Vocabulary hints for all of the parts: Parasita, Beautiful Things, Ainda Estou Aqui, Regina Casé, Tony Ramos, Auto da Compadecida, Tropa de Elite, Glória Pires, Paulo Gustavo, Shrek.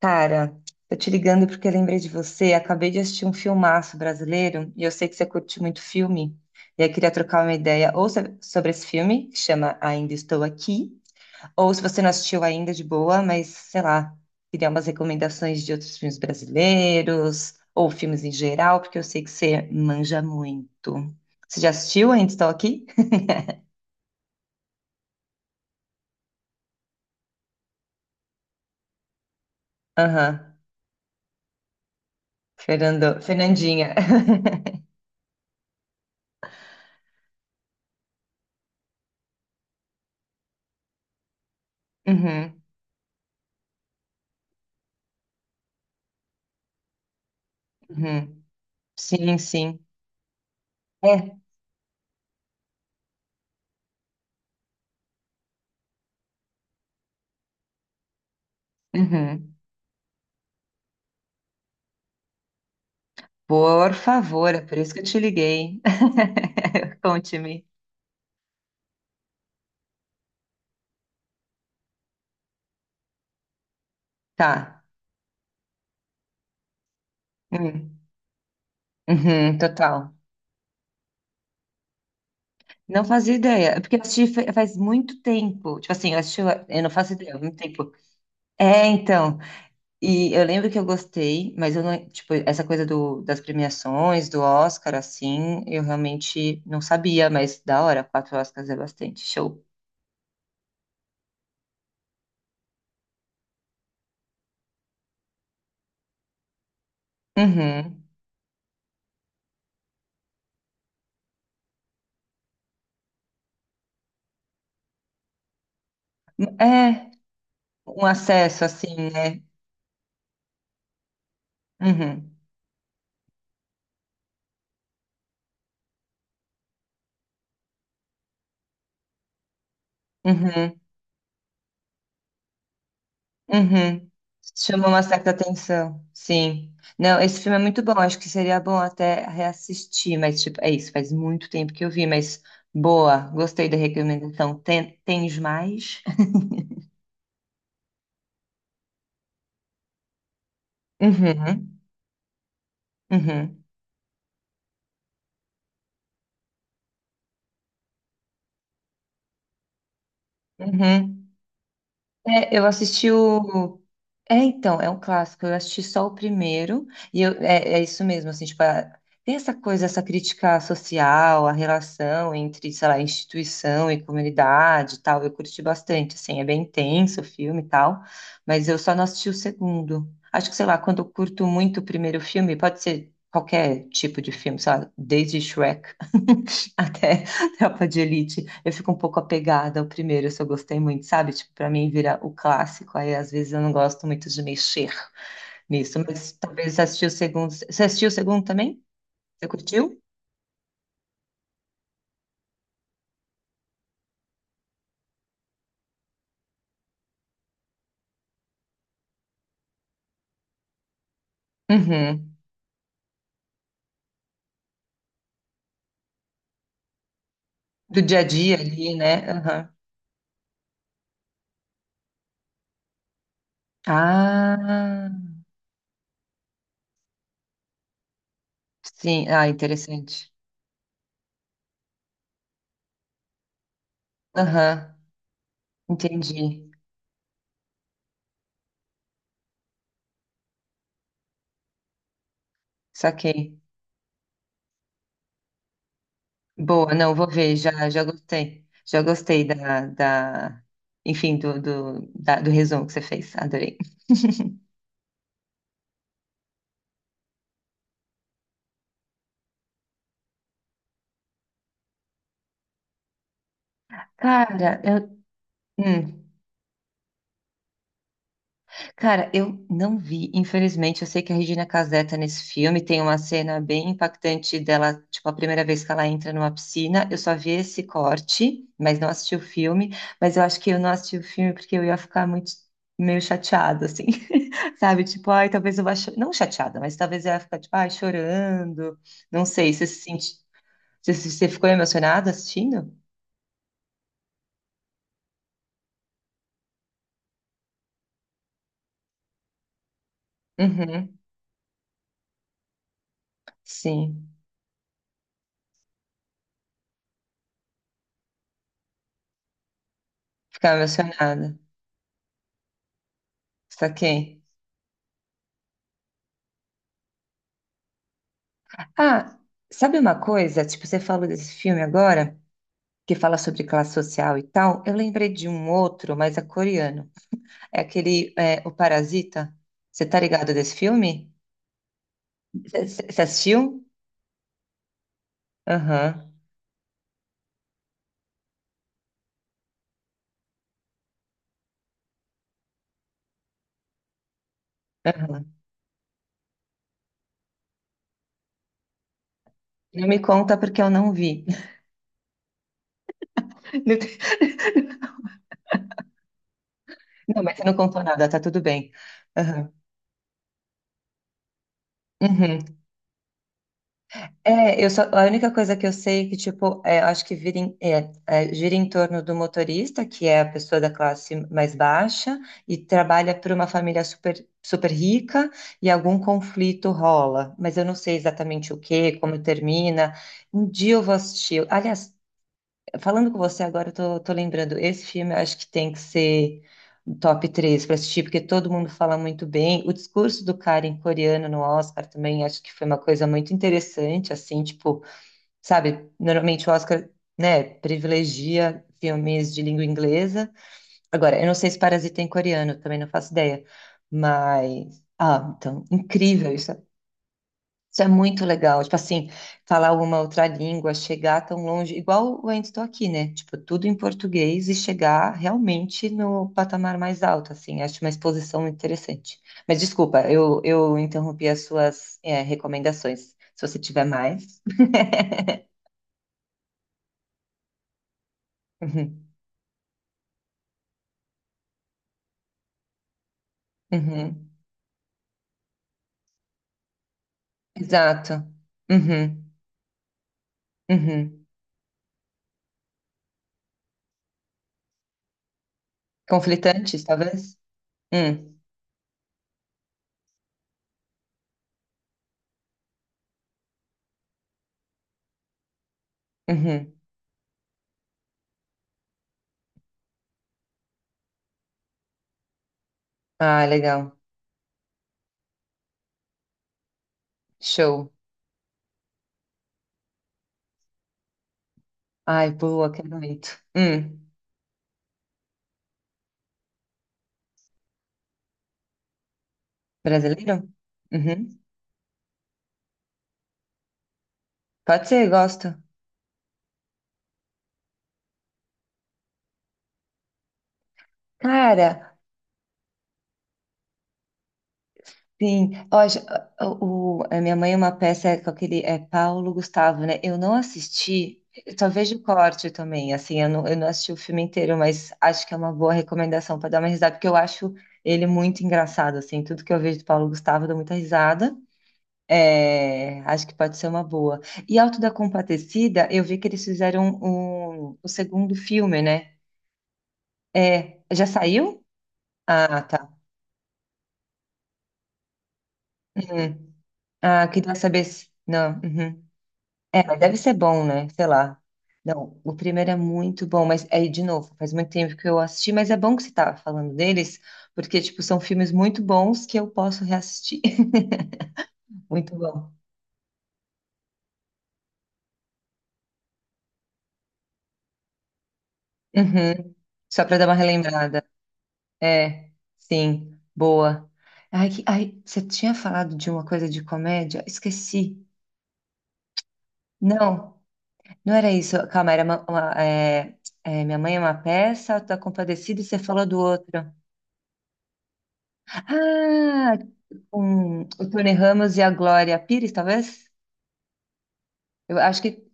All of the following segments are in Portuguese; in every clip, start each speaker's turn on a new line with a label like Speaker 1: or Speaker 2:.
Speaker 1: Cara, tô te ligando porque eu lembrei de você. Acabei de assistir um filmaço brasileiro e eu sei que você curte muito filme. E aí queria trocar uma ideia ou sobre esse filme, que chama Ainda Estou Aqui, ou se você não assistiu ainda, de boa, mas sei lá, queria umas recomendações de outros filmes brasileiros ou filmes em geral, porque eu sei que você manja muito. Você já assistiu Ainda Estou Aqui? Aham, Fernando, Fernandinha. Uhum, uhum. Sim, sim. É. Uhum. Por favor, é por isso que eu te liguei. Conte-me. Tá. Hum. Uhum, total. Não fazia ideia. É porque eu assisti faz muito tempo. Tipo assim, eu assisti. Eu não faço ideia, há muito tempo. É, então. E eu lembro que eu gostei, mas eu não. Tipo, essa coisa das premiações, do Oscar, assim, eu realmente não sabia, mas da hora, quatro Oscars é bastante. Show. Uhum. É, um acesso, assim, né? Uhum. Uhum. Uhum. Chama uma certa atenção, sim. Não, esse filme é muito bom, acho que seria bom até reassistir, mas tipo, é isso, faz muito tempo que eu vi, mas boa, gostei da recomendação. Tens mais? Uhum, uhum, uhum. É, eu assisti o. É, então, é um clássico. Eu assisti só o primeiro, e isso mesmo, assim, tipo, tem essa coisa, essa crítica social, a relação entre, sei lá, instituição e comunidade e tal. Eu curti bastante, assim, é bem intenso o filme e tal, mas eu só não assisti o segundo. Acho que, sei lá, quando eu curto muito o primeiro filme, pode ser qualquer tipo de filme, sei lá, desde Shrek até Tropa de Elite, eu fico um pouco apegada ao primeiro, se eu gostei muito, sabe? Tipo, pra mim vira o clássico, aí às vezes eu não gosto muito de mexer nisso, mas talvez você assistiu o segundo. Você assistiu o segundo também? Você curtiu? Uhum. Do dia a dia ali, né? Aham. Ah, sim. Ah, interessante. Aham, entendi. Saquei. Boa, não, vou ver, já, já gostei. Já gostei da, enfim, do resumo que você fez. Adorei. Cara, eu, hum. Cara, eu não vi, infelizmente. Eu sei que a Regina Casé tá nesse filme, tem uma cena bem impactante dela, tipo, a primeira vez que ela entra numa piscina. Eu só vi esse corte, mas não assisti o filme. Mas eu acho que eu não assisti o filme porque eu ia ficar muito, meio chateada, assim, sabe? Tipo, ai, talvez eu vá. Não chateada, mas talvez eu ia ficar, tipo, ai, chorando. Não sei, você se sente. Você ficou emocionada assistindo? Uhum, sim, ficava emocionada. Saquei. Ah, sabe uma coisa? Tipo, você falou desse filme agora, que fala sobre classe social e tal. Eu lembrei de um outro, mas é coreano. É aquele, O Parasita. Você tá ligado desse filme? Você assistiu? Aham, aham. Não me conta porque eu não vi. Não, mas você não contou nada, tá tudo bem. Aham. Uhum. É, eu só, a única coisa que eu sei é que, tipo, eu acho que vira em- é, é, gira em torno do motorista, que é a pessoa da classe mais baixa, e trabalha para uma família super, super rica, e algum conflito rola. Mas eu não sei exatamente o que, como termina. Um dia eu vou assistir. Aliás, falando com você agora, eu tô lembrando, esse filme eu acho que tem que ser top 3 para assistir, porque todo mundo fala muito bem. O discurso do cara em coreano no Oscar também acho que foi uma coisa muito interessante, assim, tipo, sabe, normalmente o Oscar, né, privilegia filmes de língua inglesa. Agora, eu não sei se Parasita é em coreano, também não faço ideia, mas... Ah, então, incrível isso. Isso é muito legal. Tipo assim, falar uma outra língua, chegar tão longe, igual eu ainda estou aqui, né? Tipo, tudo em português e chegar realmente no patamar mais alto, assim. Acho uma exposição muito interessante. Mas desculpa, eu interrompi as suas, recomendações. Se você tiver mais. Uhum, uhum. Exato. Uhum, uhum. Conflitantes, talvez? Hum, uhum. Ah, legal. Show. Ai, boa, quero muito. Hum. Brasileiro? Uhum. Pode ser, gosto. Cara, sim. Eu acho- o- a Minha Mãe é uma Peça com aquele Paulo Gustavo, né? Eu não assisti, eu só vejo corte também, assim, eu não assisti o filme inteiro, mas acho que é uma boa recomendação para dar uma risada, porque eu acho ele muito engraçado, assim, tudo que eu vejo do Paulo Gustavo eu dou muita risada. É, acho que pode ser uma boa. E Auto da Compadecida, eu vi que eles fizeram o segundo filme, né? É, já saiu? Ah, tá. Uhum. Ah, queria saber se... Não, uhum. É, mas deve ser bom, né? Sei lá. Não, o primeiro é muito bom, mas aí, de novo, faz muito tempo que eu assisti, mas é bom que você tava falando deles, porque, tipo, são filmes muito bons que eu posso reassistir. Muito bom. Uhum. Só pra dar uma relembrada. É, sim, boa. Ai, você tinha falado de uma coisa de comédia? Esqueci. Não, não era isso. Calma, era Minha Mãe é uma Peça, Tá Compadecida, e você falou do outro. Ah, com o Tony Ramos e a Glória Pires, talvez? Eu acho que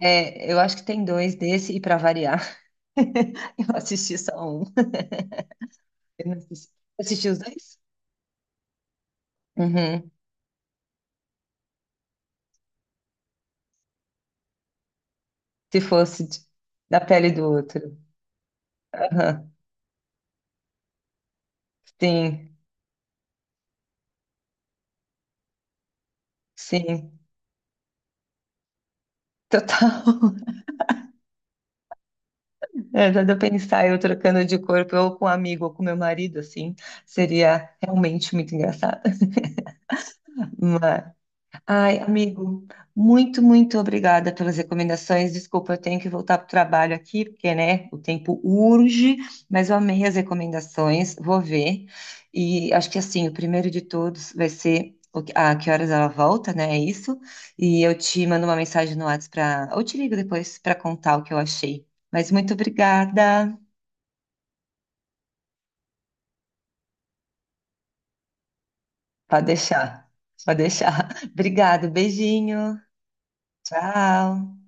Speaker 1: eu acho que tem dois desse e para variar, eu assisti só um. Eu não assisti, assisti os dois? Uhum. Se fosse da pele do outro. Aham. Sim, sim. Total. É, dá pra pensar eu trocando de corpo, ou com um amigo, ou com meu marido, assim, seria realmente muito engraçado. Mas, ai, amigo, muito, muito obrigada pelas recomendações. Desculpa, eu tenho que voltar para o trabalho aqui, porque, né, o tempo urge, mas eu amei as recomendações, vou ver. E acho que, assim, o primeiro de todos vai ser A Que Horas Ela Volta, né, é isso? E eu te mando uma mensagem no WhatsApp para... Ou te ligo depois para contar o que eu achei. Mas muito obrigada. Pode deixar, pode deixar. Obrigado, beijinho. Tchau.